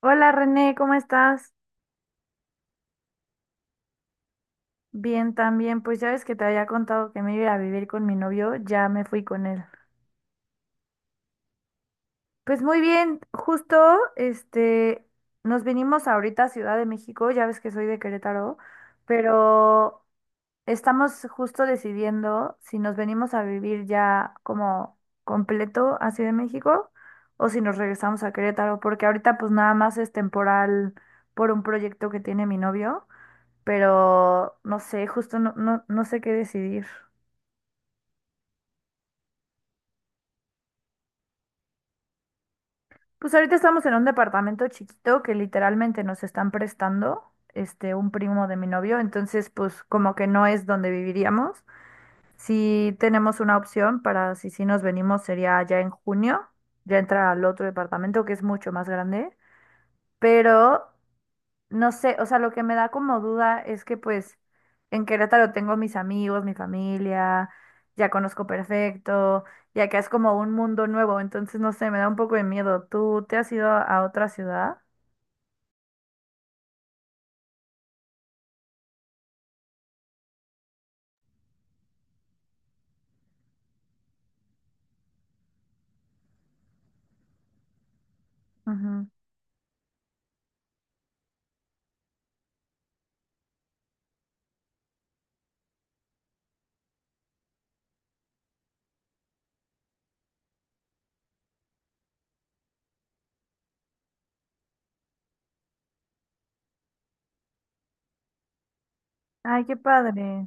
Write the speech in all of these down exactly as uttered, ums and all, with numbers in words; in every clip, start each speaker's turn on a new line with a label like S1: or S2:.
S1: Hola René, ¿cómo estás? Bien, también. Pues ya ves que te había contado que me iba a ir a vivir con mi novio, ya me fui con él. Pues muy bien, justo este nos vinimos ahorita a Ciudad de México, ya ves que soy de Querétaro, pero estamos justo decidiendo si nos venimos a vivir ya como completo a Ciudad de México o si nos regresamos a Querétaro, porque ahorita pues nada más es temporal por un proyecto que tiene mi novio. Pero no sé, justo no, no, no sé qué decidir. Pues ahorita estamos en un departamento chiquito que literalmente nos están prestando, este, un primo de mi novio, entonces pues como que no es donde viviríamos. Si tenemos una opción para si sí nos venimos, sería ya en junio, ya entrar al otro departamento que es mucho más grande, pero no sé, o sea, lo que me da como duda es que pues en Querétaro tengo mis amigos, mi familia, ya conozco perfecto, y acá es como un mundo nuevo, entonces no sé, me da un poco de miedo. ¿Tú te has ido a otra ciudad? Ujú. Ay, qué padre.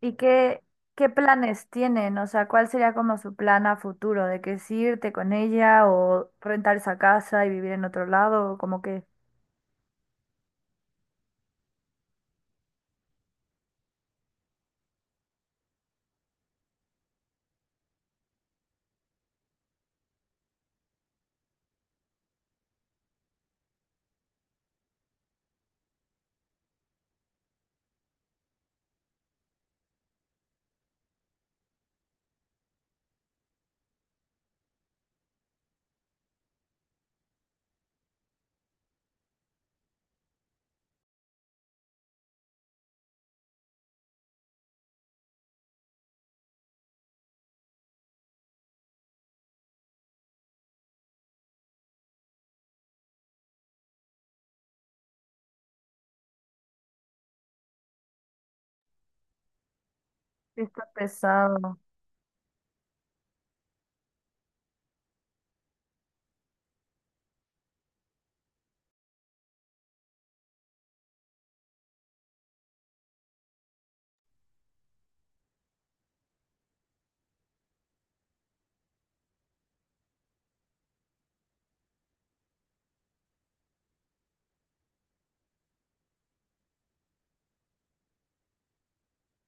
S1: ¿Y qué, qué planes tienen? O sea, ¿cuál sería como su plan a futuro? ¿De que es irte con ella o rentar esa casa y vivir en otro lado? ¿O como que está pesado?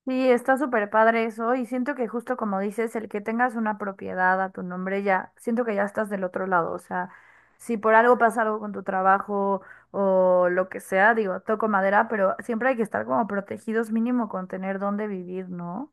S1: Sí, está súper padre eso y siento que justo como dices, el que tengas una propiedad a tu nombre ya, siento que ya estás del otro lado, o sea, si por algo pasa algo con tu trabajo o lo que sea, digo, toco madera, pero siempre hay que estar como protegidos mínimo con tener dónde vivir, ¿no?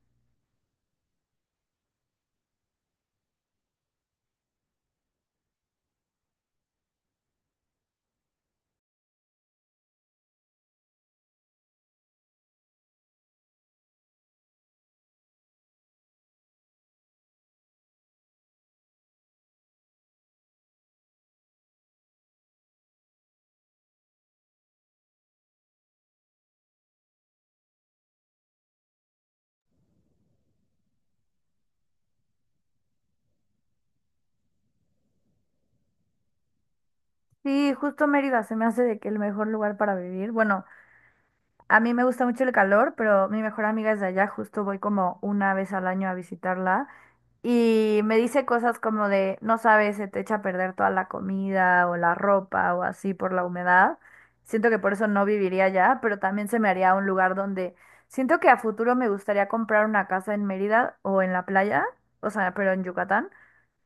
S1: Sí, justo Mérida se me hace de que el mejor lugar para vivir. Bueno, a mí me gusta mucho el calor, pero mi mejor amiga es de allá, justo voy como una vez al año a visitarla. Y me dice cosas como de, no sabes, se te echa a perder toda la comida o la ropa o así por la humedad. Siento que por eso no viviría allá, pero también se me haría un lugar donde siento que a futuro me gustaría comprar una casa en Mérida o en la playa, o sea, pero en Yucatán,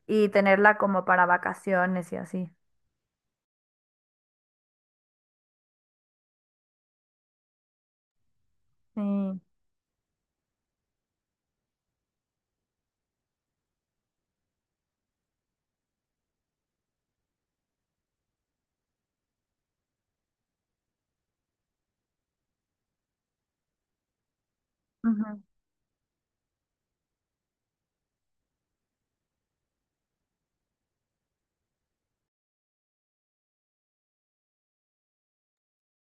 S1: y tenerla como para vacaciones y así. Sí. Ujú.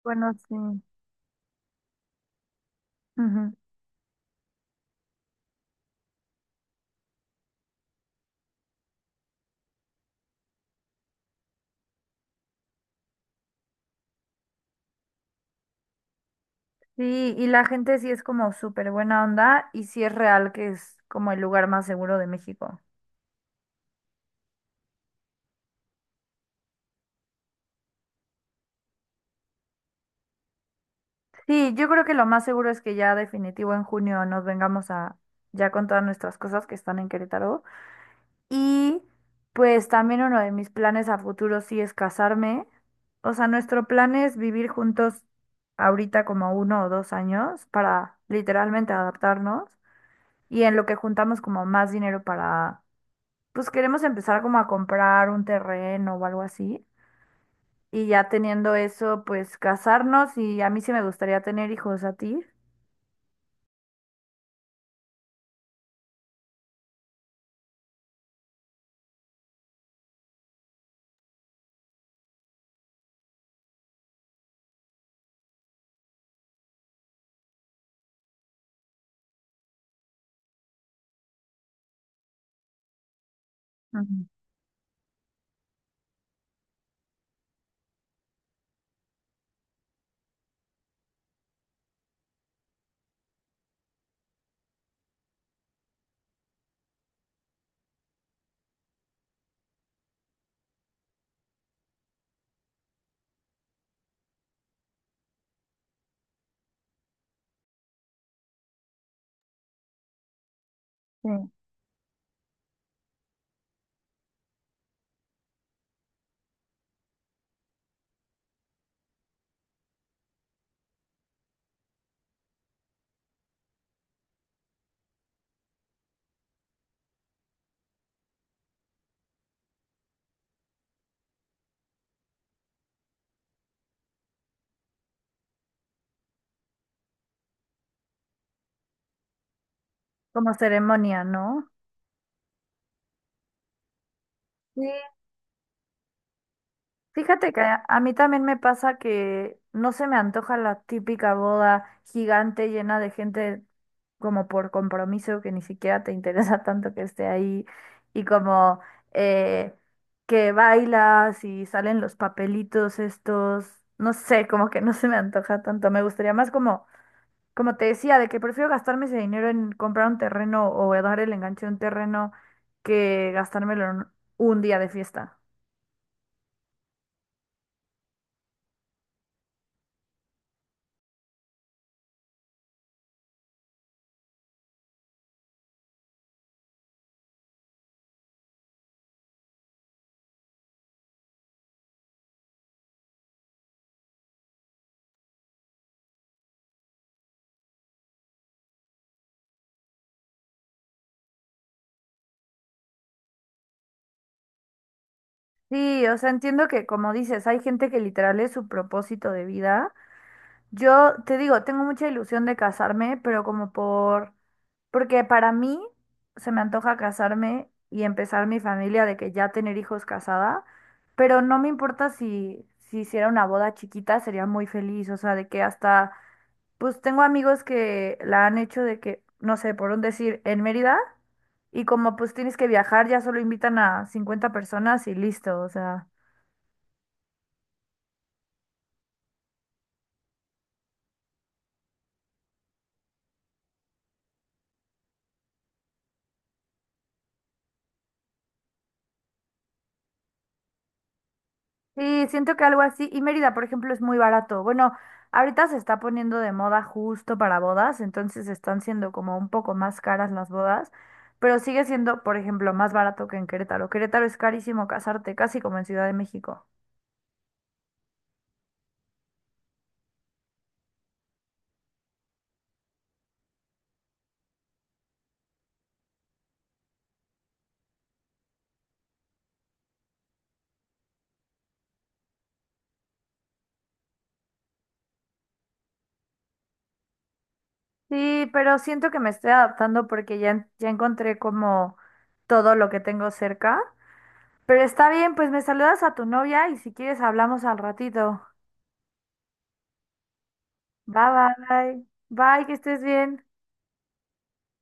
S1: Bueno, sí. Ujú. Sí, y la gente sí es como súper buena onda y sí es real que es como el lugar más seguro de México. Sí, yo creo que lo más seguro es que ya definitivo en junio nos vengamos a ya con todas nuestras cosas que están en Querétaro. Y pues también uno de mis planes a futuro sí es casarme. O sea, nuestro plan es vivir juntos ahorita como uno o dos años para literalmente adaptarnos y en lo que juntamos como más dinero para, pues queremos empezar como a comprar un terreno o algo así. Y ya teniendo eso, pues casarnos y a mí sí me gustaría tener hijos, ¿a ti? Ujú. Sí. ¿Como ceremonia, no? Sí, fíjate que a a mí también me pasa que no se me antoja la típica boda gigante llena de gente como por compromiso que ni siquiera te interesa tanto que esté ahí y como eh, que bailas y salen los papelitos estos, no sé, como que no se me antoja tanto, me gustaría más como, como te decía, de que prefiero gastarme ese dinero en comprar un terreno o dar el enganche de un terreno que gastármelo en un día de fiesta. Sí, o sea, entiendo que como dices, hay gente que literal es su propósito de vida. Yo te digo, tengo mucha ilusión de casarme, pero como por, porque para mí se me antoja casarme y empezar mi familia de que ya tener hijos casada, pero no me importa si, si hiciera una boda chiquita, sería muy feliz, o sea, de que hasta pues tengo amigos que la han hecho de que, no sé, por un decir, en Mérida, y como pues tienes que viajar, ya solo invitan a cincuenta personas y listo, o sea. Sí, siento que algo así, y Mérida, por ejemplo, es muy barato. Bueno, ahorita se está poniendo de moda justo para bodas, entonces están siendo como un poco más caras las bodas, pero sigue siendo, por ejemplo, más barato que en Querétaro. Querétaro es carísimo casarte, casi como en Ciudad de México. Sí, pero siento que me estoy adaptando porque ya, en- ya encontré como todo lo que tengo cerca. Pero está bien, pues me saludas a tu novia y si quieres hablamos al ratito. Bye, bye. Bye, que estés bien.